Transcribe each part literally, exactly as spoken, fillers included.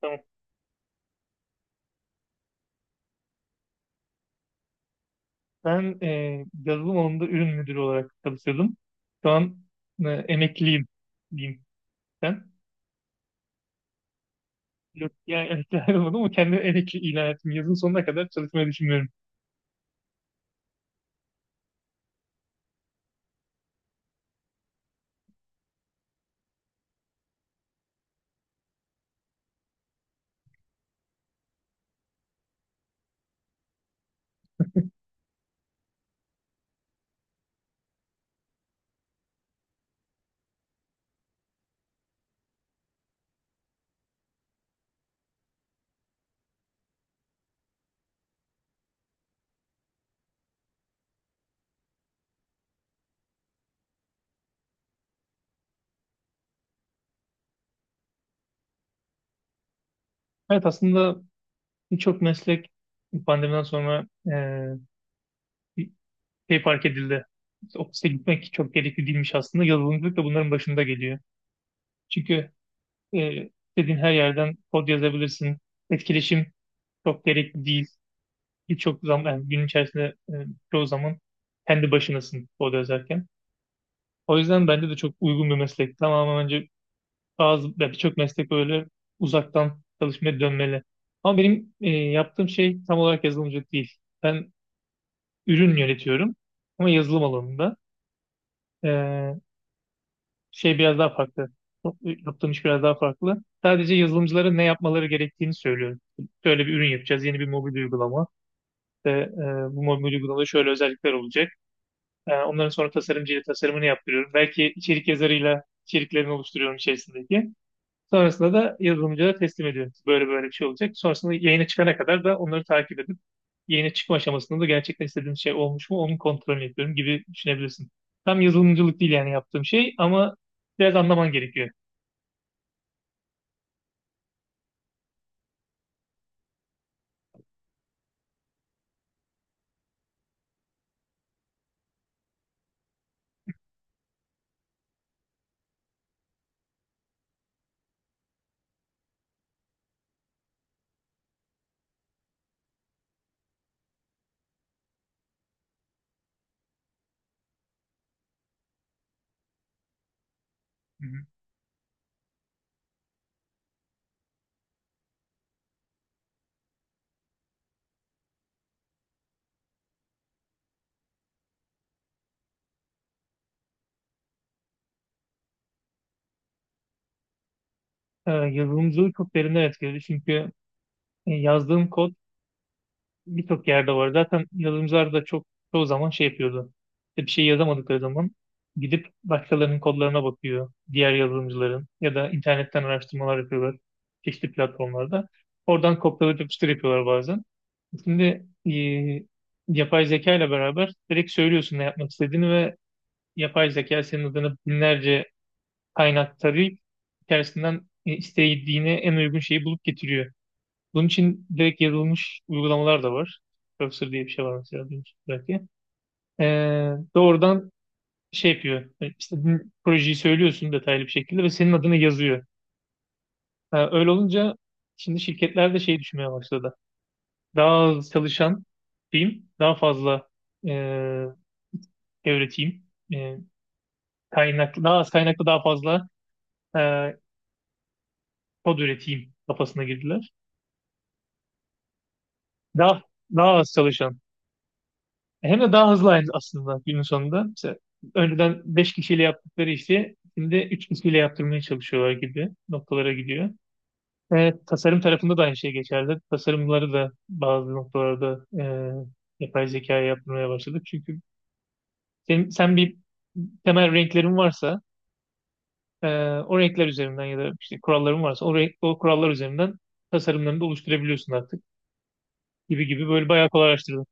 Tamam. Ben e, yazılım alanında ürün müdürü olarak çalışıyordum. Şu an e, emekliyim diyeyim sen. Yok, yani emekli ayrılmadım ama kendimi emekli ilan ettim. Yazın sonuna kadar çalışmayı düşünmüyorum. Evet aslında birçok meslek pandemiden sonra e, bir şey fark edildi. İşte ofise gitmek çok gerekli değilmiş aslında. Yazılımcılık da bunların başında geliyor. Çünkü e, istediğin her yerden kod yazabilirsin. Etkileşim çok gerekli değil. Birçok zaman yani gün içerisinde e, çoğu zaman kendi başınasın orada yazarken. O yüzden bence de çok uygun bir meslek. Tamamen bence bazı ya birçok meslek böyle uzaktan çalışmaya dönmeli. Ama benim e, yaptığım şey tam olarak yazılımcılık değil. Ben ürün yönetiyorum ama yazılım alanında. E, şey biraz daha farklı. Yaptığım iş biraz daha farklı. Sadece yazılımcılara ne yapmaları gerektiğini söylüyorum. Şöyle bir ürün yapacağız, yeni bir mobil uygulama. İşte, e, bu mobil uygulamada şöyle özellikler olacak. Ee, onların sonra tasarımcıyla tasarımını yaptırıyorum. Belki içerik yazarıyla içeriklerini oluşturuyorum içerisindeki. Sonrasında da yazılımcıya teslim ediyorum. Böyle böyle bir şey olacak. Sonrasında yayına çıkana kadar da onları takip edip yayına çıkma aşamasında da gerçekten istediğim şey olmuş mu onun kontrolünü yapıyorum gibi düşünebilirsin. Tam yazılımcılık değil yani yaptığım şey ama biraz anlaman gerekiyor. Hı hı. Ee, yazılımcılık çok derinden etkiledi çünkü e, yazdığım kod birçok yerde var. Zaten yazılımcılar da çok çoğu zaman şey yapıyordu. İşte bir şey yazamadıkları zaman gidip başkalarının kodlarına bakıyor. Diğer yazılımcıların ya da internetten araştırmalar yapıyorlar. Çeşitli platformlarda. Oradan kopyalayıp yapıştır yapıyorlar bazen. Şimdi eee, yapay zeka ile beraber direkt söylüyorsun ne yapmak istediğini ve yapay zeka senin adına binlerce kaynak tarayıp içerisinden e, istediğine en uygun şeyi bulup getiriyor. Bunun için direkt yazılmış uygulamalar da var. Cursor diye bir şey var mesela duymuşsunuz belki. Ee, doğrudan şey yapıyor. e, İstediğin projeyi söylüyorsun detaylı bir şekilde ve senin adını yazıyor. Ha, öyle olunca şimdi şirketler de şey düşünmeye başladı. Daha az çalışan diyeyim, daha fazla e, öğreteyim. E, kaynaklı, daha az kaynaklı daha fazla e, kod üreteyim kafasına girdiler. Daha, daha az çalışan. Hem de daha hızlı aynı aslında günün sonunda. Mesela önceden beş kişiyle yaptıkları işi şimdi üç kişiyle yaptırmaya çalışıyorlar gibi noktalara gidiyor. Ve tasarım tarafında da aynı şey geçerli. Tasarımları da bazı noktalarda e, yapay zekaya yaptırmaya başladık. Çünkü sen, sen bir temel renklerin varsa e, o renkler üzerinden ya da işte kuralların varsa o, renk, o kurallar üzerinden tasarımlarını da oluşturabiliyorsun artık gibi gibi böyle bayağı kolaylaştırdı.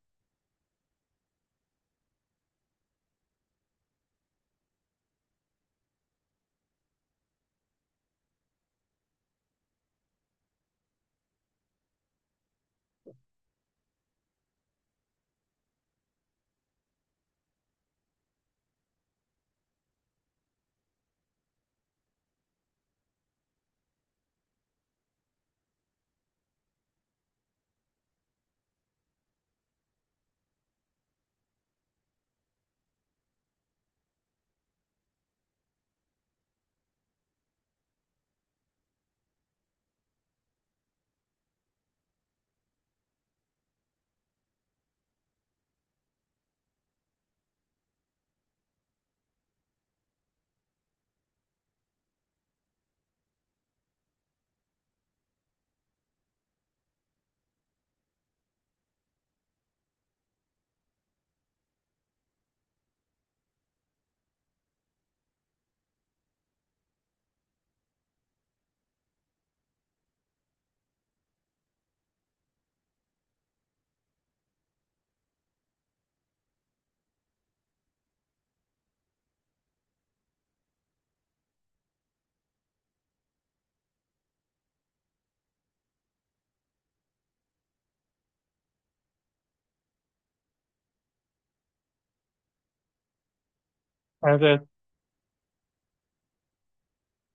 Evet, evet.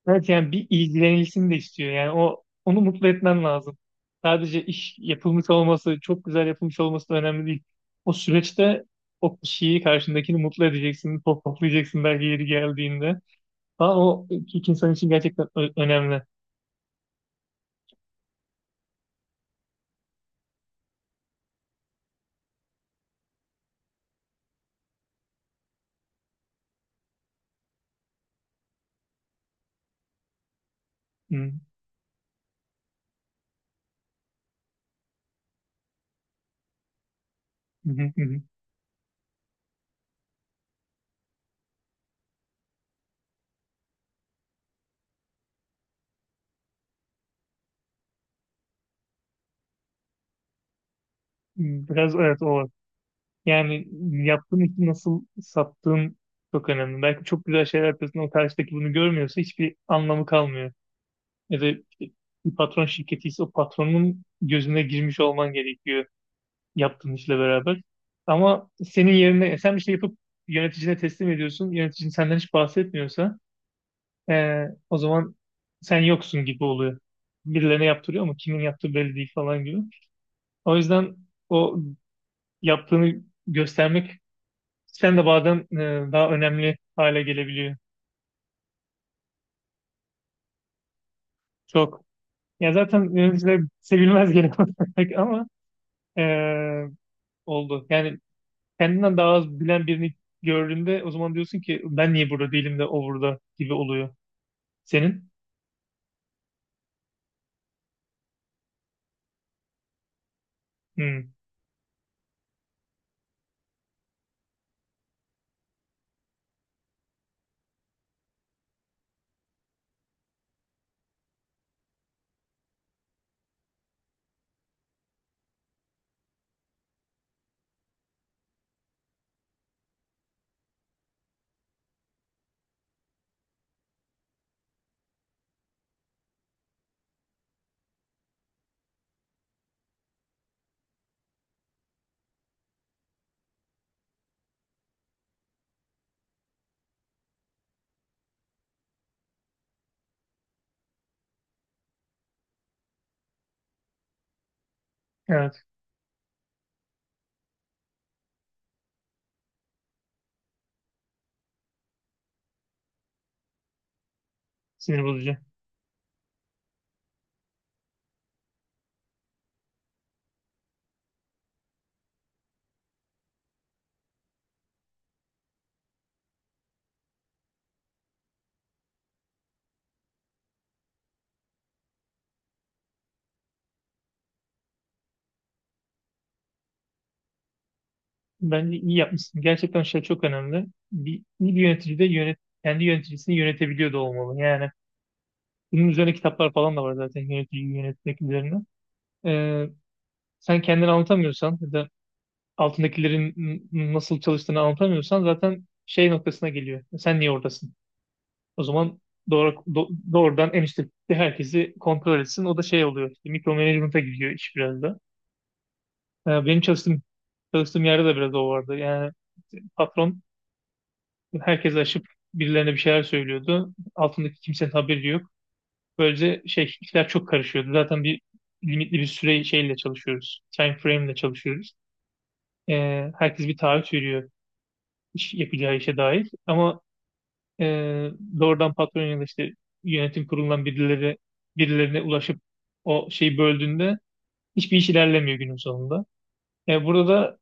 Evet yani bir ilgilenilsin de istiyor. Yani o onu mutlu etmen lazım. Sadece iş yapılmış olması, çok güzel yapılmış olması da önemli değil. O süreçte o kişiyi, karşındakini mutlu edeceksin, pohpohlayacaksın belki yeri geldiğinde. Daha o iki insan için gerçekten ö- önemli. Hı, hı, hı, hı. Biraz evet o var. Yani yaptığın işi nasıl sattığın çok önemli. Belki çok güzel şeyler yapıyorsun, o karşıdaki bunu görmüyorsa hiçbir anlamı kalmıyor. Ya da bir patron şirketi ise o patronun gözüne girmiş olman gerekiyor yaptığın işle beraber. Ama senin yerine e, sen bir şey yapıp yöneticine teslim ediyorsun. Yöneticin senden hiç bahsetmiyorsa eee, o zaman sen yoksun gibi oluyor. Birilerine yaptırıyor ama kimin yaptığı belli değil falan gibi. O yüzden o yaptığını göstermek sen de bazen eee, daha önemli hale gelebiliyor. Çok. Ya zaten yöneticiler sevilmez genel olarak ama eee, oldu. Yani kendinden daha az bilen birini gördüğünde o zaman diyorsun ki ben niye burada değilim de o burada gibi oluyor. Senin? Hmm, evet sinir bozucu. Bence iyi yapmışsın. Gerçekten şey çok önemli. Bir, bir yönetici de yönet, kendi yöneticisini yönetebiliyor da olmalı. Yani bunun üzerine kitaplar falan da var zaten yöneticiyi yönetmek üzerine. Ee, sen kendini anlatamıyorsan ya da altındakilerin n- nasıl çalıştığını anlatamıyorsan zaten şey noktasına geliyor. Sen niye oradasın? O zaman doğru, do- doğrudan en üstteki herkesi kontrol etsin. O da şey oluyor. Işte, mikro management'a giriyor iş biraz da. Yani benim çalıştığım çalıştığım yerde de biraz o vardı. Yani patron herkesi aşıp birilerine bir şeyler söylüyordu. Altındaki kimsenin haberi yok. Böylece şey işler çok karışıyordu. Zaten bir limitli bir süre şeyle çalışıyoruz. Time frame ile çalışıyoruz. Ee, herkes bir taahhüt veriyor iş, yapacağı işe dair. Ama e, doğrudan patron ya da işte yönetim kurulundan birileri birilerine ulaşıp o şeyi böldüğünde hiçbir iş ilerlemiyor günün sonunda. E, burada da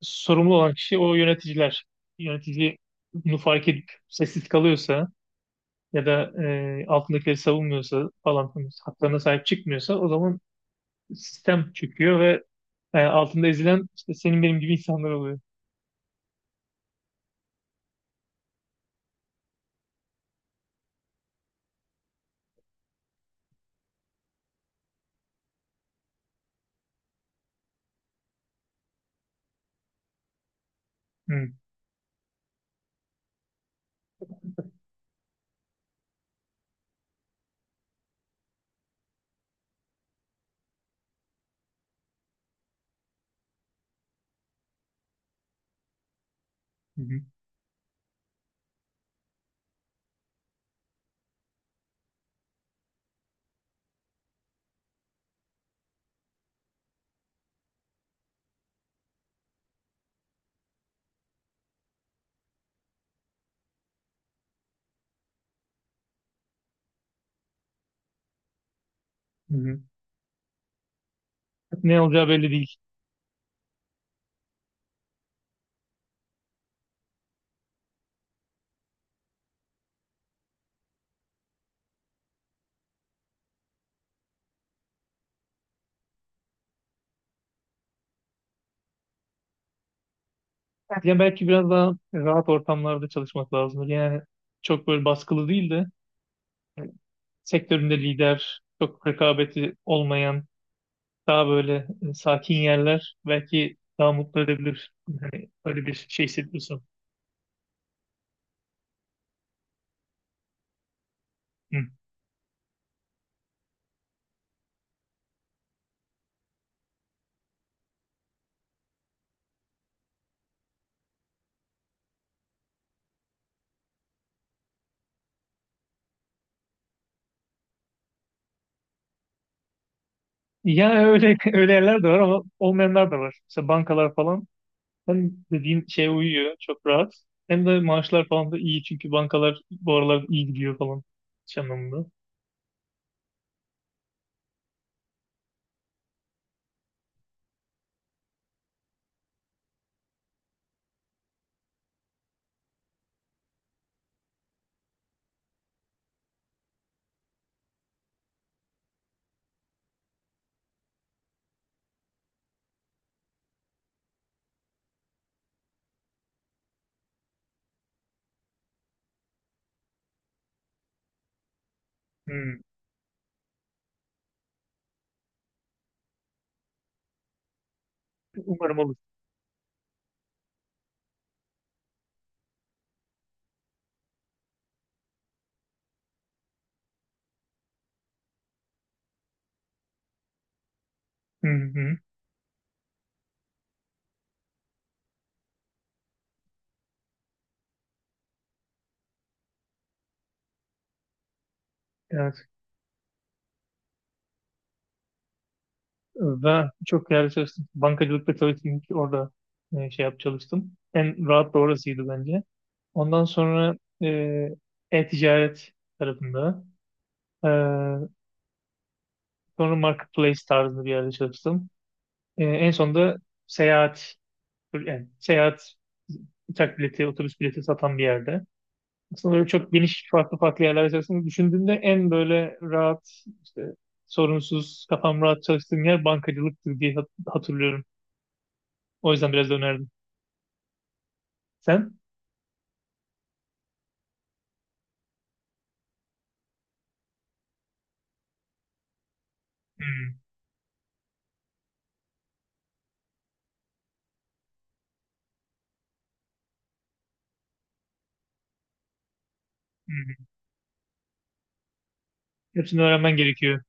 sorumlu olan kişi o yöneticiler. Yönetici bunu fark edip sessiz kalıyorsa ya da e, altındakileri savunmuyorsa falan filan, haklarına sahip çıkmıyorsa o zaman sistem çöküyor ve e, altında ezilen işte senin benim gibi insanlar oluyor. Hı, hı, hı. Hı. Ne olacağı belli değil. Yani belki biraz daha rahat ortamlarda çalışmak lazımdır. Yani çok böyle baskılı değil de yani sektöründe lider, çok rekabeti olmayan, daha böyle e, sakin yerler belki daha mutlu edebilir. Hani öyle bir şey hissediyorsun. Hı. Yani öyle öyle yerler de var ama olmayanlar da var. Mesela bankalar falan hem dediğin şeye uyuyor, çok rahat. Hem de maaşlar falan da iyi çünkü bankalar bu aralar iyi gidiyor falan iş anlamında. Hı. Umarım olur. Hı hı. Yani ve çok değerli çalıştım. Bankacılıkta çalıştım. Ki orada e, şey yap çalıştım. En rahat da orasıydı bence. Ondan sonra e, e-ticaret tarafında. E, sonra marketplace tarzında bir yerde çalıştım. E, en sonunda seyahat, yani seyahat uçak bileti, otobüs bileti satan bir yerde. Aslında böyle çok geniş farklı farklı yerlerde çalıştım. Düşündüğümde en böyle rahat, işte sorunsuz, kafam rahat çalıştığım yer bankacılıktı diye hat- hatırlıyorum. O yüzden biraz da önerdim. Sen? Hmm, hmm. Hepsini öğrenmen gerekiyor.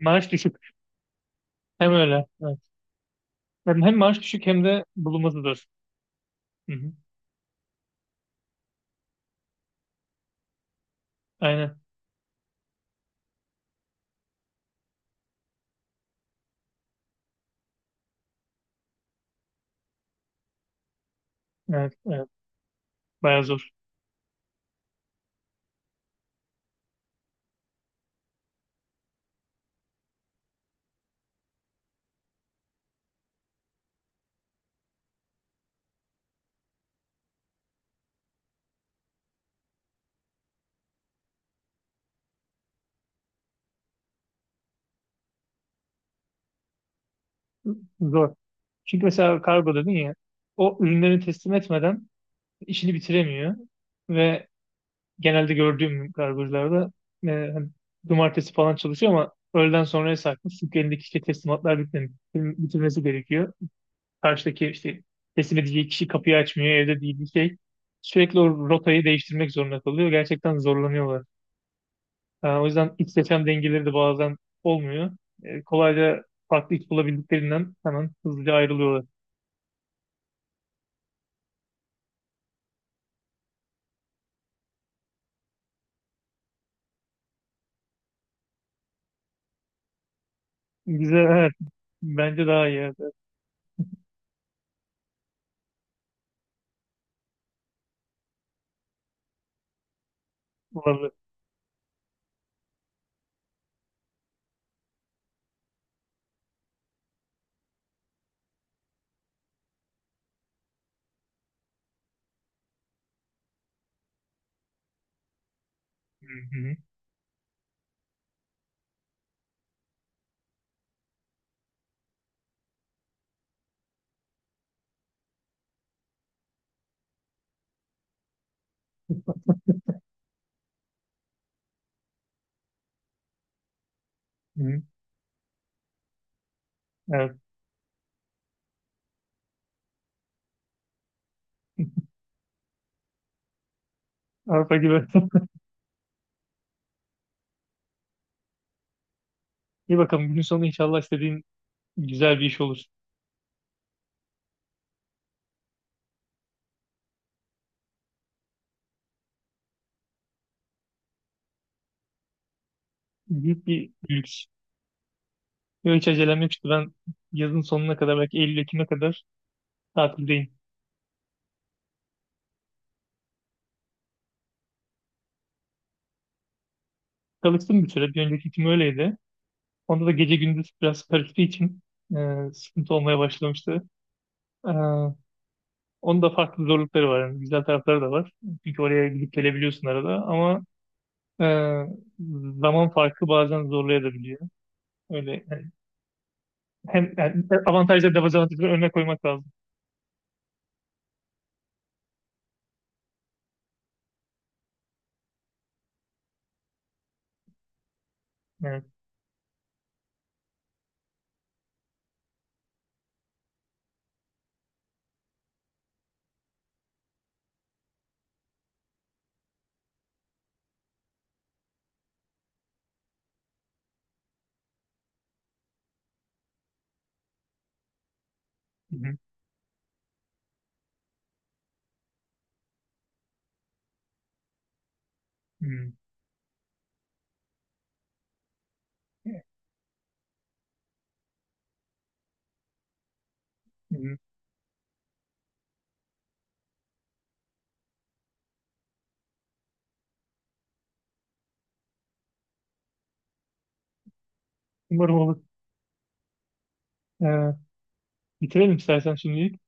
Maaş düşük. Hem öyle. Evet. Hem, hem maaş düşük hem de bulunması zor. Hı hı. Aynen. Evet, evet. Bayağı zor. Zor. Çünkü mesela kargo dedin ya, o ürünleri teslim etmeden işini bitiremiyor. Ve genelde gördüğüm kargocularda e, hani cumartesi falan çalışıyor ama öğleden sonraya sarkmış. Çünkü elindeki işte teslimatlar bitmem- bitirmesi gerekiyor. Karşıdaki işte teslim edeceği kişi kapıyı açmıyor, evde değil bir şey. Sürekli o rotayı değiştirmek zorunda kalıyor. Gerçekten zorlanıyorlar. Ha, o yüzden iç seçen dengeleri de bazen olmuyor. E, kolayca farklı iş bulabildiklerinden hemen hızlıca ayrılıyorlar. Güzel, evet. Bence daha iyi. Evet. Olabilir. Hı hı, hı. Evet. Avrupa gibi. İyi bakalım. Günün sonu inşallah istediğin güzel bir iş olur. Büyük bir lüks. Yok, hiç acelem yok işte. Ben yazın sonuna kadar belki Eylül-Ekim'e kadar tatildeyim. Çalıştım bir süre. Bir önceki işim öyleydi. Onda da gece gündüz biraz karıştığı için e, sıkıntı olmaya başlamıştı. E, onun da farklı zorlukları var. Yani güzel tarafları da var. Çünkü oraya gidip gelebiliyorsun arada ama e, zaman farkı bazen zorlayabiliyor. Öyle yani hem yani avantajları dezavantajları önüne koymak lazım. Evet. Hı hı. Hı hı. Umarım olur. E, bitirelim istersen şimdilik.